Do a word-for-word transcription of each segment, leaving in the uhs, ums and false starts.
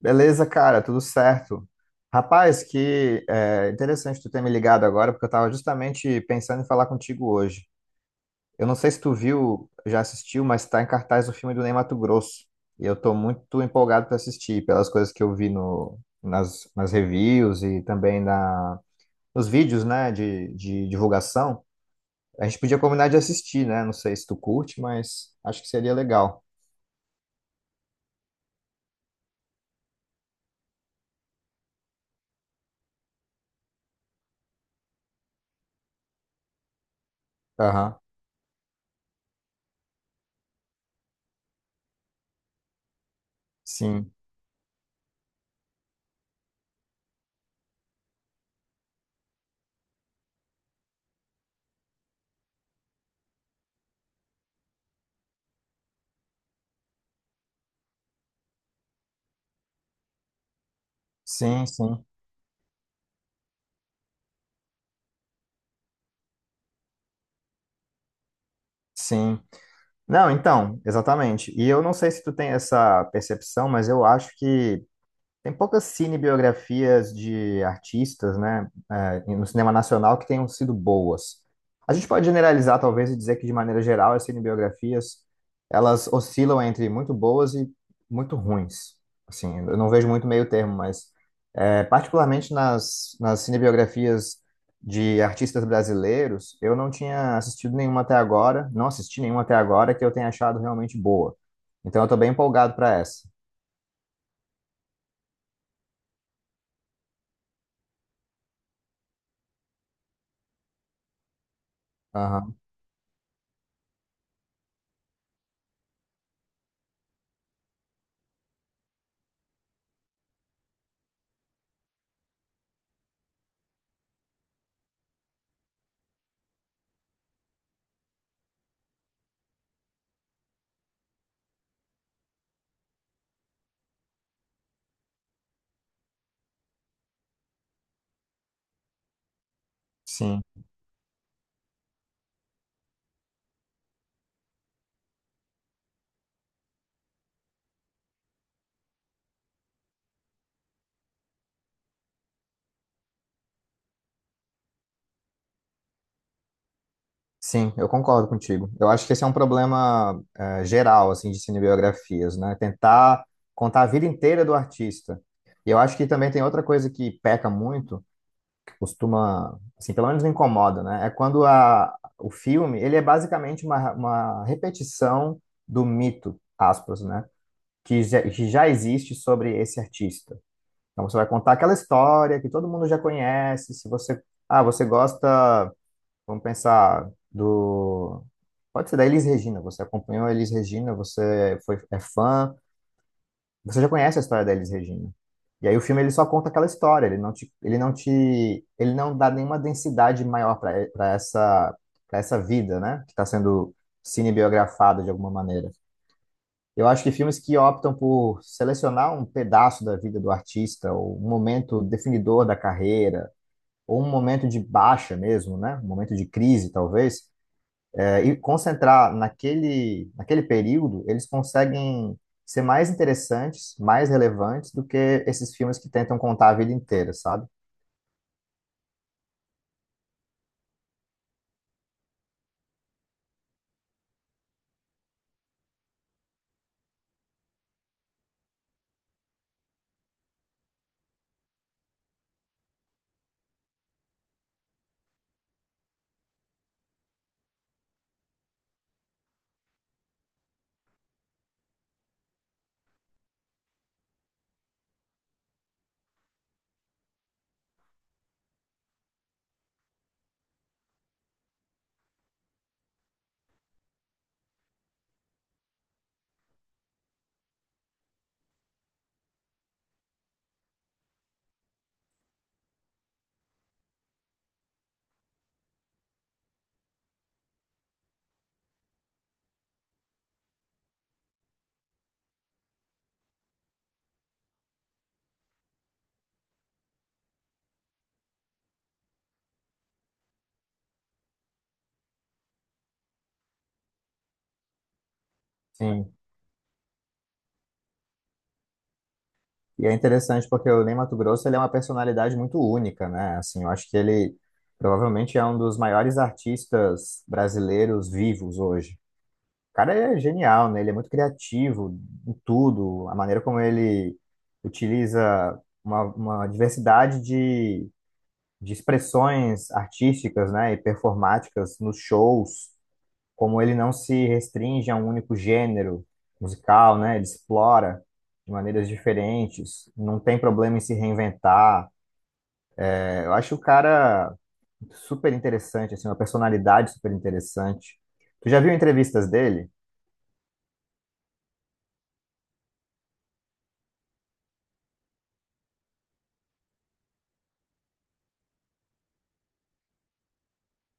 Beleza, cara, tudo certo. Rapaz, que é interessante tu ter me ligado agora, porque eu estava justamente pensando em falar contigo hoje. Eu não sei se tu viu, já assistiu, mas está em cartaz o filme do Ney Matogrosso. E eu estou muito empolgado para assistir, pelas coisas que eu vi no, nas, nas reviews e também na, nos vídeos, né, de, de divulgação. A gente podia combinar de assistir, né? Não sei se tu curte, mas acho que seria legal. Aham. Sim, sim, sim, sim. Não, então, exatamente. E eu não sei se tu tem essa percepção, mas eu acho que tem poucas cinebiografias de artistas, né, eh, no cinema nacional que tenham sido boas. A gente pode generalizar, talvez, e dizer que, de maneira geral, as cinebiografias, elas oscilam entre muito boas e muito ruins. Assim, eu não vejo muito meio termo, mas, eh, particularmente nas, nas cinebiografias de artistas brasileiros, eu não tinha assistido nenhuma até agora, não assisti nenhuma até agora que eu tenha achado realmente boa. Então, eu estou bem empolgado para essa. Aham. Sim. Sim, eu concordo contigo. Eu acho que esse é um problema eh, geral assim de cinebiografias, né? Tentar contar a vida inteira do artista. E eu acho que também tem outra coisa que peca muito, que costuma, assim, pelo menos me incomoda, né? É quando a, o filme, ele é basicamente uma, uma repetição do mito, aspas, né? Que já, que já existe sobre esse artista. Então você vai contar aquela história que todo mundo já conhece, se você, ah, você gosta. Vamos pensar do. Pode ser da Elis Regina. Você acompanhou a Elis Regina, você foi, é fã, você já conhece a história da Elis Regina. E aí o filme, ele só conta aquela história, ele não te, ele não te, ele não dá nenhuma densidade maior para essa, para essa vida, né? Que está sendo cinebiografada de alguma maneira. Eu acho que filmes que optam por selecionar um pedaço da vida do artista, ou um momento definidor da carreira, ou um momento de baixa mesmo, né? Um momento de crise, talvez é, e concentrar naquele, naquele período, eles conseguem ser mais interessantes, mais relevantes do que esses filmes que tentam contar a vida inteira, sabe? Sim. E é interessante porque o Ney Matogrosso, ele é uma personalidade muito única, né? Assim, eu acho que ele provavelmente é um dos maiores artistas brasileiros vivos hoje. O cara é genial, né? Ele é muito criativo em tudo, a maneira como ele utiliza uma, uma diversidade de de expressões artísticas, né, e performáticas nos shows, como ele não se restringe a um único gênero musical, né, ele explora de maneiras diferentes, não tem problema em se reinventar. É, eu acho o cara super interessante, assim, uma personalidade super interessante. Tu já viu entrevistas dele?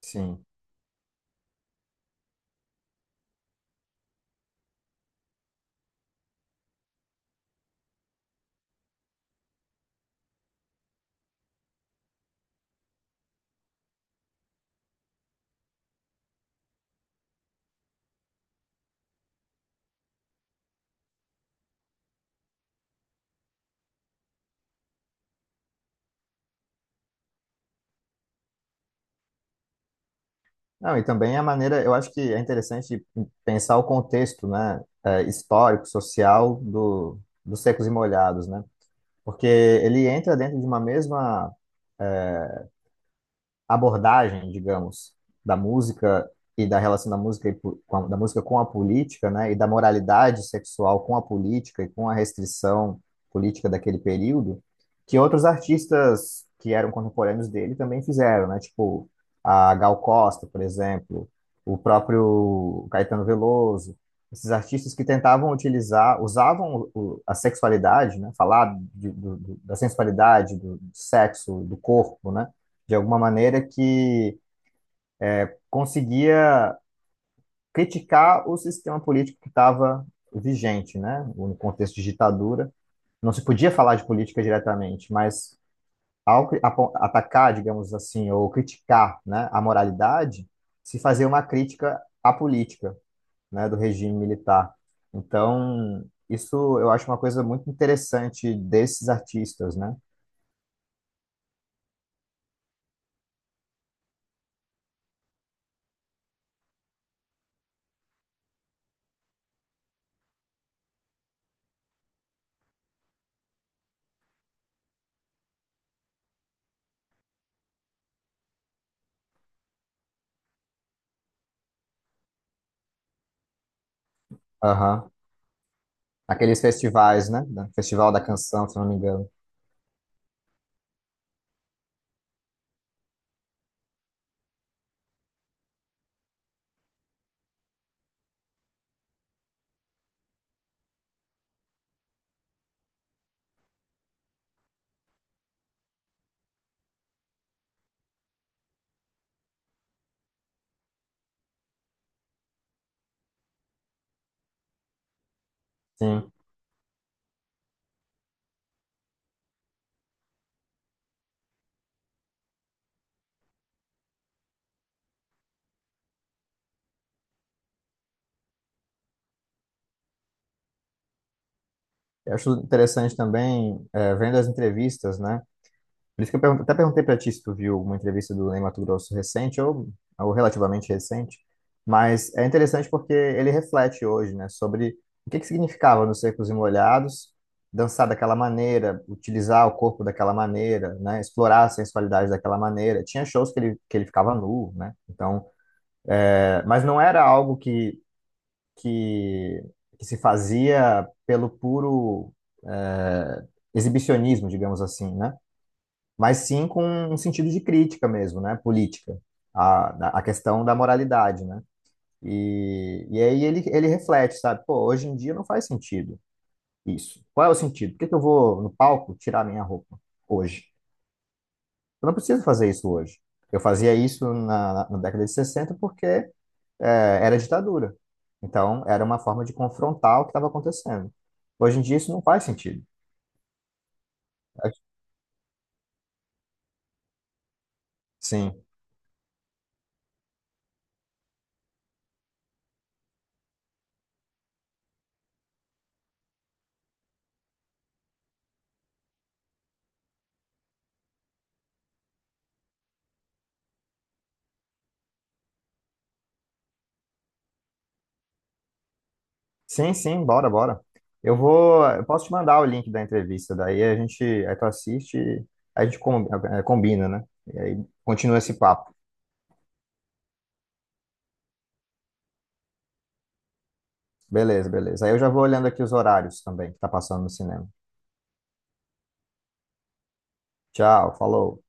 Sim. Não, e também a maneira, eu acho que é interessante pensar o contexto, né, é, histórico, social do, dos Secos e Molhados, né? Porque ele entra dentro de uma mesma abordagem, digamos, da música e da relação da música, e po- com a- da música com a política, né, e da moralidade sexual com a política e com a restrição política daquele período, que outros artistas que eram contemporâneos dele também fizeram, né, tipo a Gal Costa, por exemplo, o próprio Caetano Veloso, esses artistas que tentavam utilizar, usavam o- o- a sexualidade, né, falar de- do- do- da sensualidade, do sexo, do corpo, né, de alguma maneira que conseguia criticar o sistema político que estava vigente, né? No contexto de ditadura, não se podia falar de política diretamente, mas ao cri- apo- atacar, digamos assim, ou criticar, né, a moralidade, se fazia uma crítica à política, né, do regime militar. Então, isso eu acho uma coisa muito interessante desses artistas, né? Aham. Aqueles festivais, né? Festival da Canção, se não me engano. Sim. Eu acho interessante também, é, vendo as entrevistas, né? Por isso que eu pergun- até perguntei para ti se tu viu uma entrevista do Ney Matogrosso recente ou, ou relativamente recente, mas é interessante porque ele reflete hoje, né, sobre o que que significava nos Secos e Molhados dançar daquela maneira, utilizar o corpo daquela maneira, né, explorar a sensualidade daquela maneira. Tinha shows que ele, que ele ficava nu, né? Então, é, mas não era algo que que, que se fazia pelo puro eh, exibicionismo, digamos assim, né? Mas sim com um sentido de crítica mesmo, né? Política, a, a questão da moralidade, né? E, e aí ele, ele reflete, sabe? Pô, hoje em dia não faz sentido isso. Qual é o sentido? Por que que eu vou no palco tirar minha roupa hoje? Eu não preciso fazer isso hoje. Eu fazia isso na, na década de sessenta porque é, era ditadura. Então, era uma forma de confrontar o que estava acontecendo. Hoje em dia, isso não faz sentido. Sim, sim, sim, bora, bora. Eu vou, eu posso te mandar o link da entrevista, daí a gente, aí tu assiste, e a gente com- eh, combina, né? E aí continua esse papo. Beleza, beleza. Aí eu já vou olhando aqui os horários também que tá passando no cinema. Tchau, falou.